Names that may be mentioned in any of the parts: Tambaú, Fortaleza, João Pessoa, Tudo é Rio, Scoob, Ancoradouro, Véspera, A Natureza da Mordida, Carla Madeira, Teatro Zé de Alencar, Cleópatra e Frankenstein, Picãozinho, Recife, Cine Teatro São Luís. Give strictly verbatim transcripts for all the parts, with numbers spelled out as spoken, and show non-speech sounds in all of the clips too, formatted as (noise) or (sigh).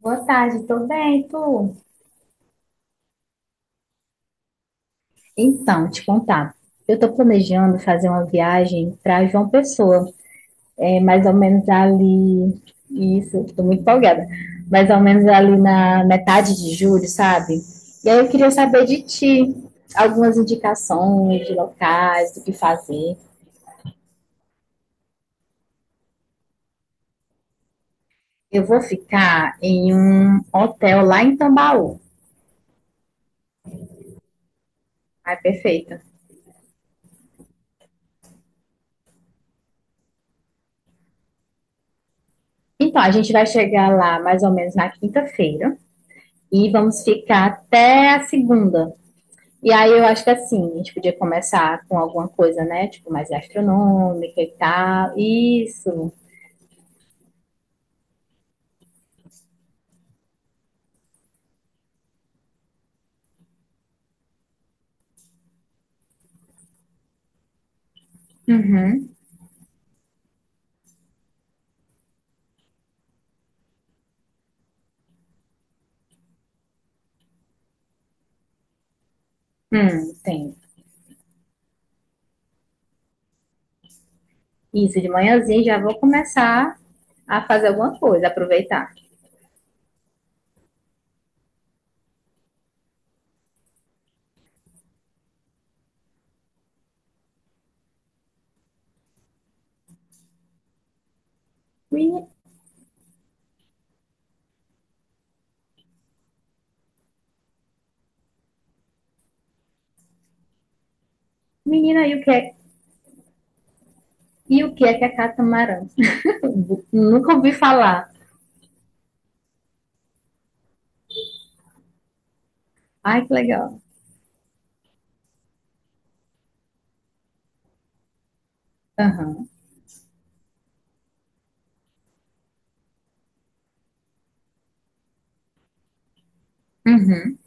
Boa tarde, tô bem, e tu? Então, te contar. Eu estou planejando fazer uma viagem para João Pessoa, é mais ou menos ali. Isso, estou muito empolgada. Mais ou menos ali na metade de julho, sabe? E aí eu queria saber de ti algumas indicações de locais, do que fazer. Eu vou ficar em um hotel lá em Tambaú. Ah, perfeita. Então, a gente vai chegar lá mais ou menos na quinta-feira e vamos ficar até a segunda. E aí eu acho que assim, a gente podia começar com alguma coisa, né? Tipo, mais gastronômica e tal. Isso. Uhum. Hum, tem. Isso, de manhãzinha já vou começar a fazer alguma coisa, aproveitar. Meni- Menina, e o que é, e o que é que é catamarã? (laughs) Nunca ouvi falar. Ai, que legal. Aham. Uhum.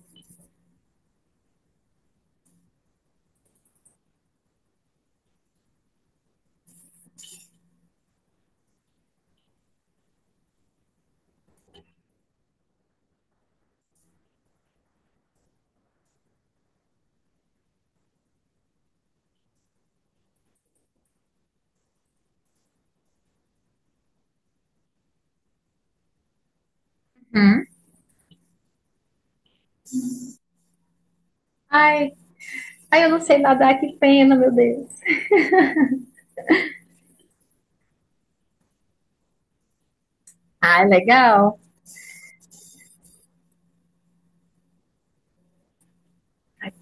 Hum. Ai, ai, eu não sei nadar, que pena, meu Deus. Ai, legal.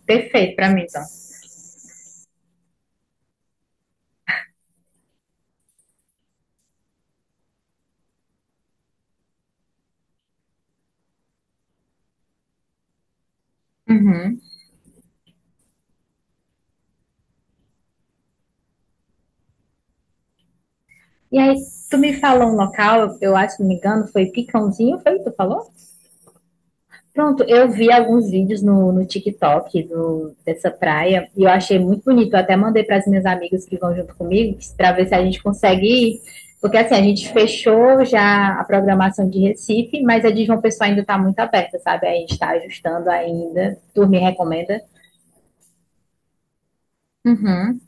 Perfeito pra mim, então. Uhum. E aí, tu me falou um local, eu acho, se não me engano, foi Picãozinho, foi? O que tu falou? Pronto, eu vi alguns vídeos no, no TikTok do, dessa praia e eu achei muito bonito. Eu até mandei para as minhas amigas que vão junto comigo para ver se a gente consegue ir. Porque assim, a gente fechou já a programação de Recife, mas a de João Pessoa ainda está muito aberta, sabe? A gente está ajustando ainda. Tu me recomenda? Uhum.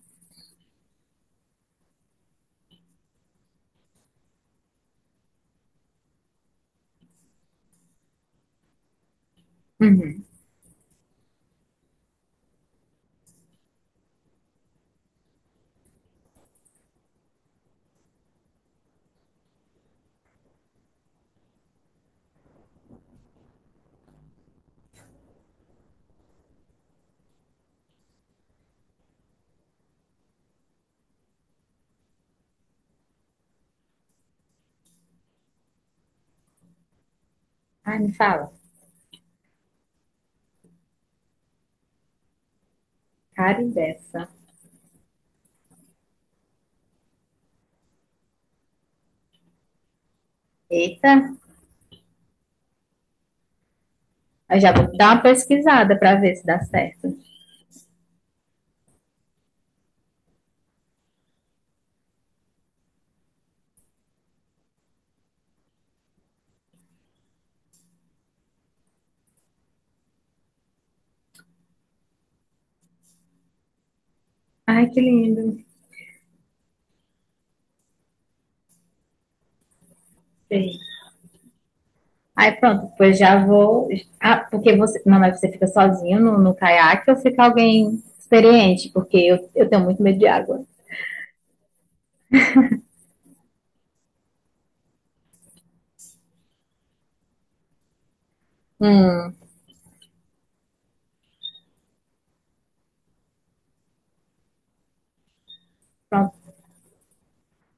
Ai, me fala. Cara dessa. Eita, eu já vou dar uma pesquisada para ver se dá certo. Ai, que lindo. Sim. Aí pronto, depois já vou. Ah, porque você. Não, mas você fica sozinho no, no caiaque ou fica alguém experiente? Porque eu, eu tenho muito medo de água. Pronto.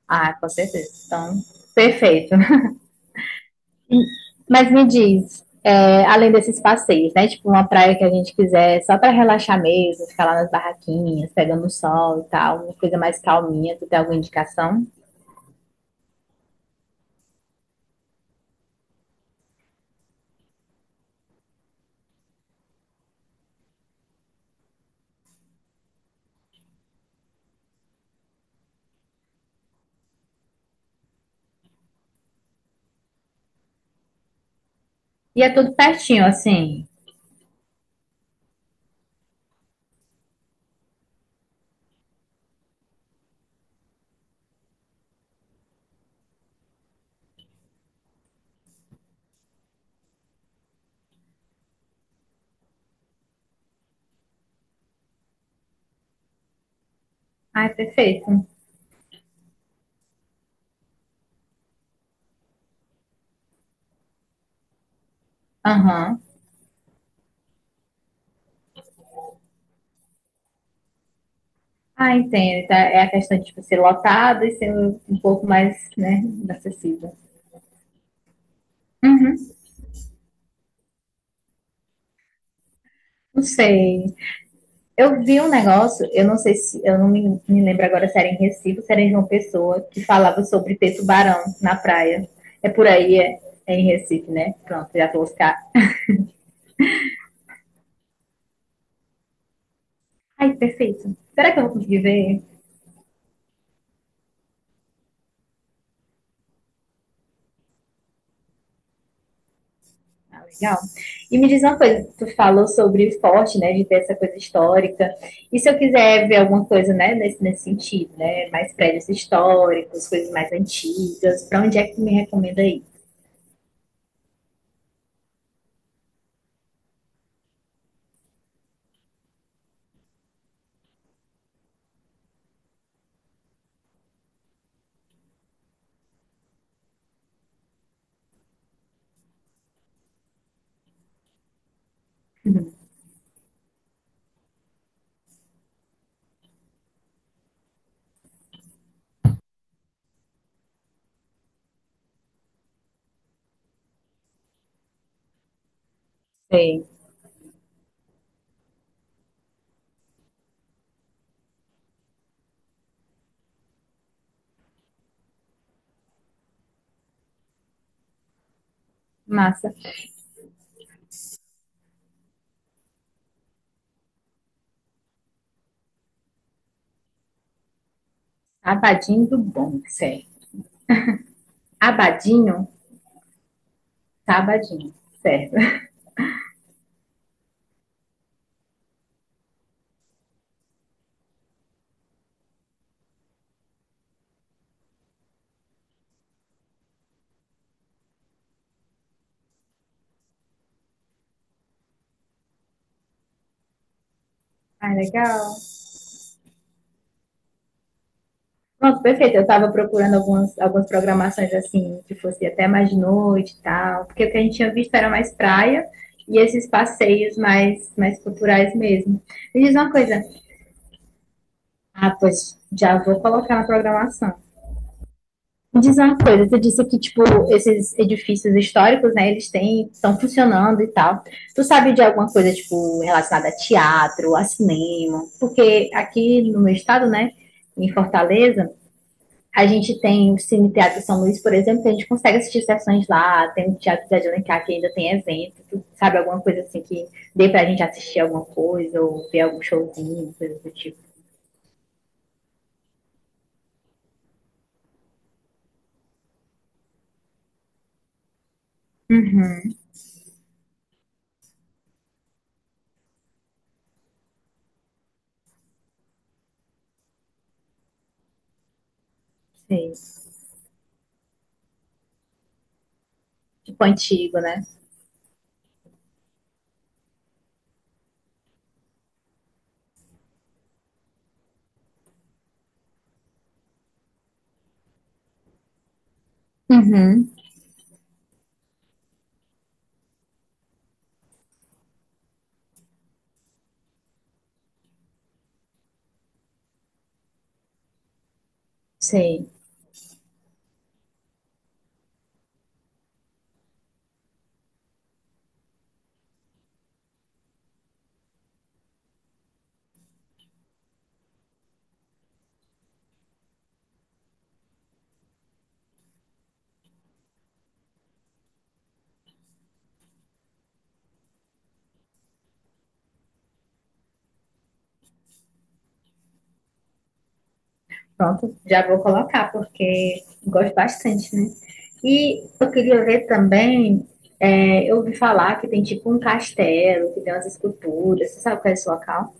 Ah, com certeza. Então, perfeito. (laughs) Mas me diz, é, além desses passeios, né? Tipo, uma praia que a gente quiser só pra relaxar mesmo, ficar lá nas barraquinhas, pegando sol e tal, uma coisa mais calminha, tu tem alguma indicação? E é tudo pertinho, assim. Ai, perfeito. Aham. Ah, entendo. Então, é a questão de tipo, ser lotado e ser um um pouco mais, né, acessível. Hum, não sei. Eu vi um negócio, eu não sei se, eu não me, me lembro agora se era em Recife ou se era em João Pessoa, que falava sobre ter tubarão na praia. É por aí, é, é em Recife, né? Pronto, já vou buscar. Ai, perfeito. Será que eu vou conseguir ver? Ah, legal. E me diz uma coisa, tu falou sobre o forte, né, de ter essa coisa histórica. E se eu quiser ver alguma coisa, né, nesse, nesse sentido, né, mais prédios históricos, coisas mais antigas, para onde é que tu me recomenda aí? Sei. Massa. Abadinho do bom, certo. Abadinho, tá abadinho, certo. (laughs) Ah, legal. Pronto, perfeito. Eu estava procurando algumas, algumas programações assim, que fosse até mais de noite e tal, porque o que a gente tinha visto era mais praia e esses passeios mais, mais culturais mesmo. Me diz uma coisa. Ah, pois já vou colocar na programação. Me diz uma coisa, tu disse que, tipo, esses edifícios históricos, né, eles têm, estão funcionando e tal. Tu sabe de alguma coisa, tipo, relacionada a teatro, a cinema? Porque aqui no meu estado, né, em Fortaleza, a gente tem o Cine Teatro São Luís, por exemplo, que a gente consegue assistir sessões lá, tem o Teatro Zé de Alencar que ainda tem evento, tu sabe, alguma coisa assim que dê pra gente assistir alguma coisa, ou ver algum showzinho, coisa do tipo. Sei. Tipo antigo, né? Uhum. Sei. Pronto, já vou colocar, porque gosto bastante, né? E eu queria ver também, é, eu ouvi falar que tem tipo um castelo, que tem umas esculturas, você sabe qual é esse local?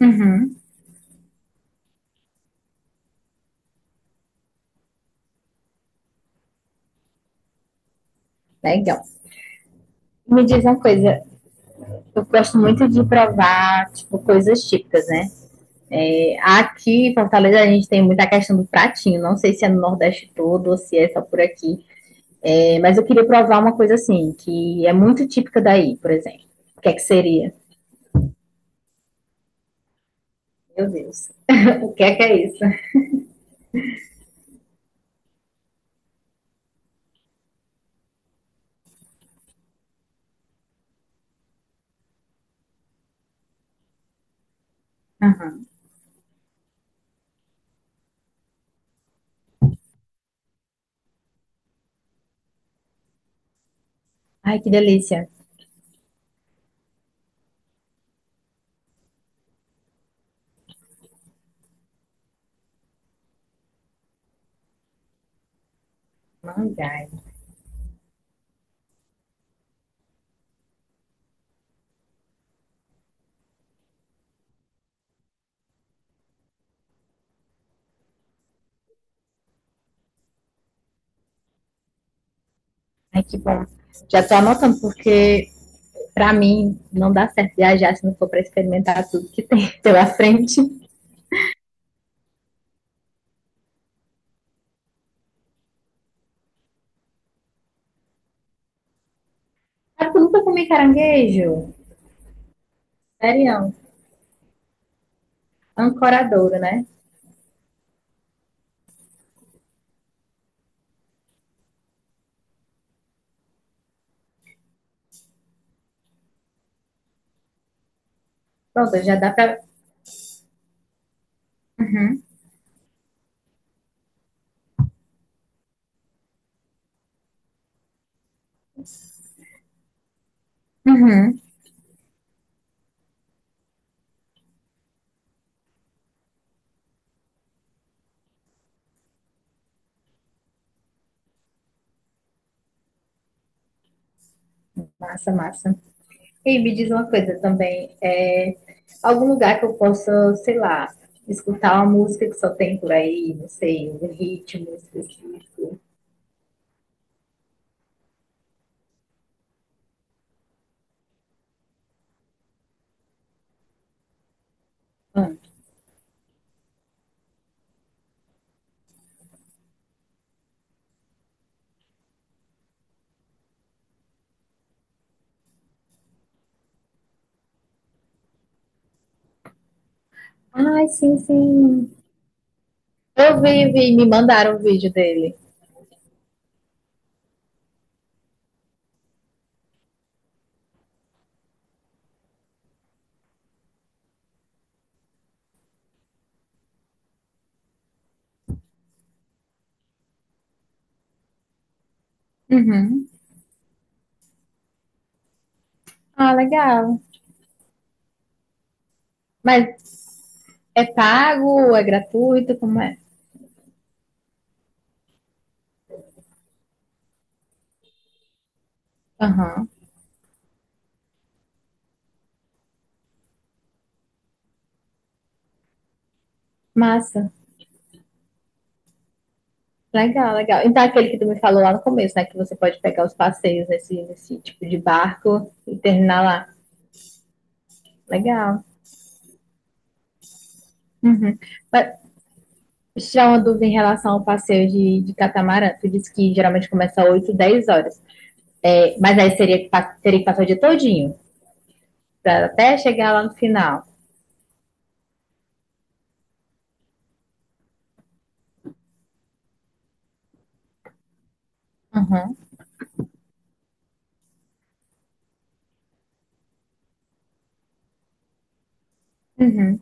Uhum. Legal. Me diz uma coisa, eu gosto muito de provar, tipo, coisas típicas, né? Aqui em Fortaleza a gente tem muita questão do pratinho. Não sei se é no Nordeste todo ou se é só por aqui. É, mas eu queria provar uma coisa assim, que é muito típica daí, por exemplo. O que é que seria? Meu Deus. (laughs) O que é que é isso? Ai, que delícia. Mangás. Ai, que bom. Já tô anotando, porque pra mim não dá certo viajar se não for pra experimentar tudo que tem (laughs) pela frente. Sabe eu nunca comi caranguejo? Sério. Ancoradouro, né? Pronto, já dá pra. Uhum. Massa, massa. E me diz uma coisa também, é, algum lugar que eu possa, sei lá, escutar uma música que só tem por aí, não sei, um ritmo específico. Hum. Ai, sim, sim. Eu vi, vi, me mandaram o vídeo dele. Uhum. Ah, legal. Mas é pago, é gratuito, como é? Aham. Massa. Legal, legal. Então, aquele que tu me falou lá no começo, né? Que você pode pegar os passeios nesse, nesse tipo de barco e terminar lá. Legal. Uhum. Mas tirar uma dúvida em relação ao passeio de, de catamarã. Tu disse que geralmente começa oito, dez horas. É, mas aí seria que pa- teria que passar o dia todinho, pra até chegar lá no final. Uhum. Uhum.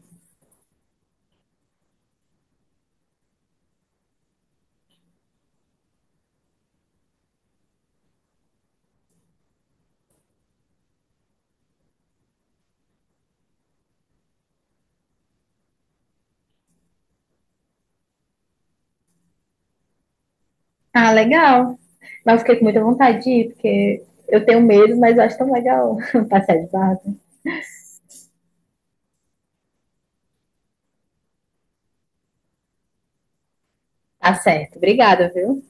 Ah, legal. Mas eu fiquei com muita vontade de ir, porque eu tenho medo, mas eu acho tão legal (laughs) passear de barco. Tá certo. Obrigada, viu?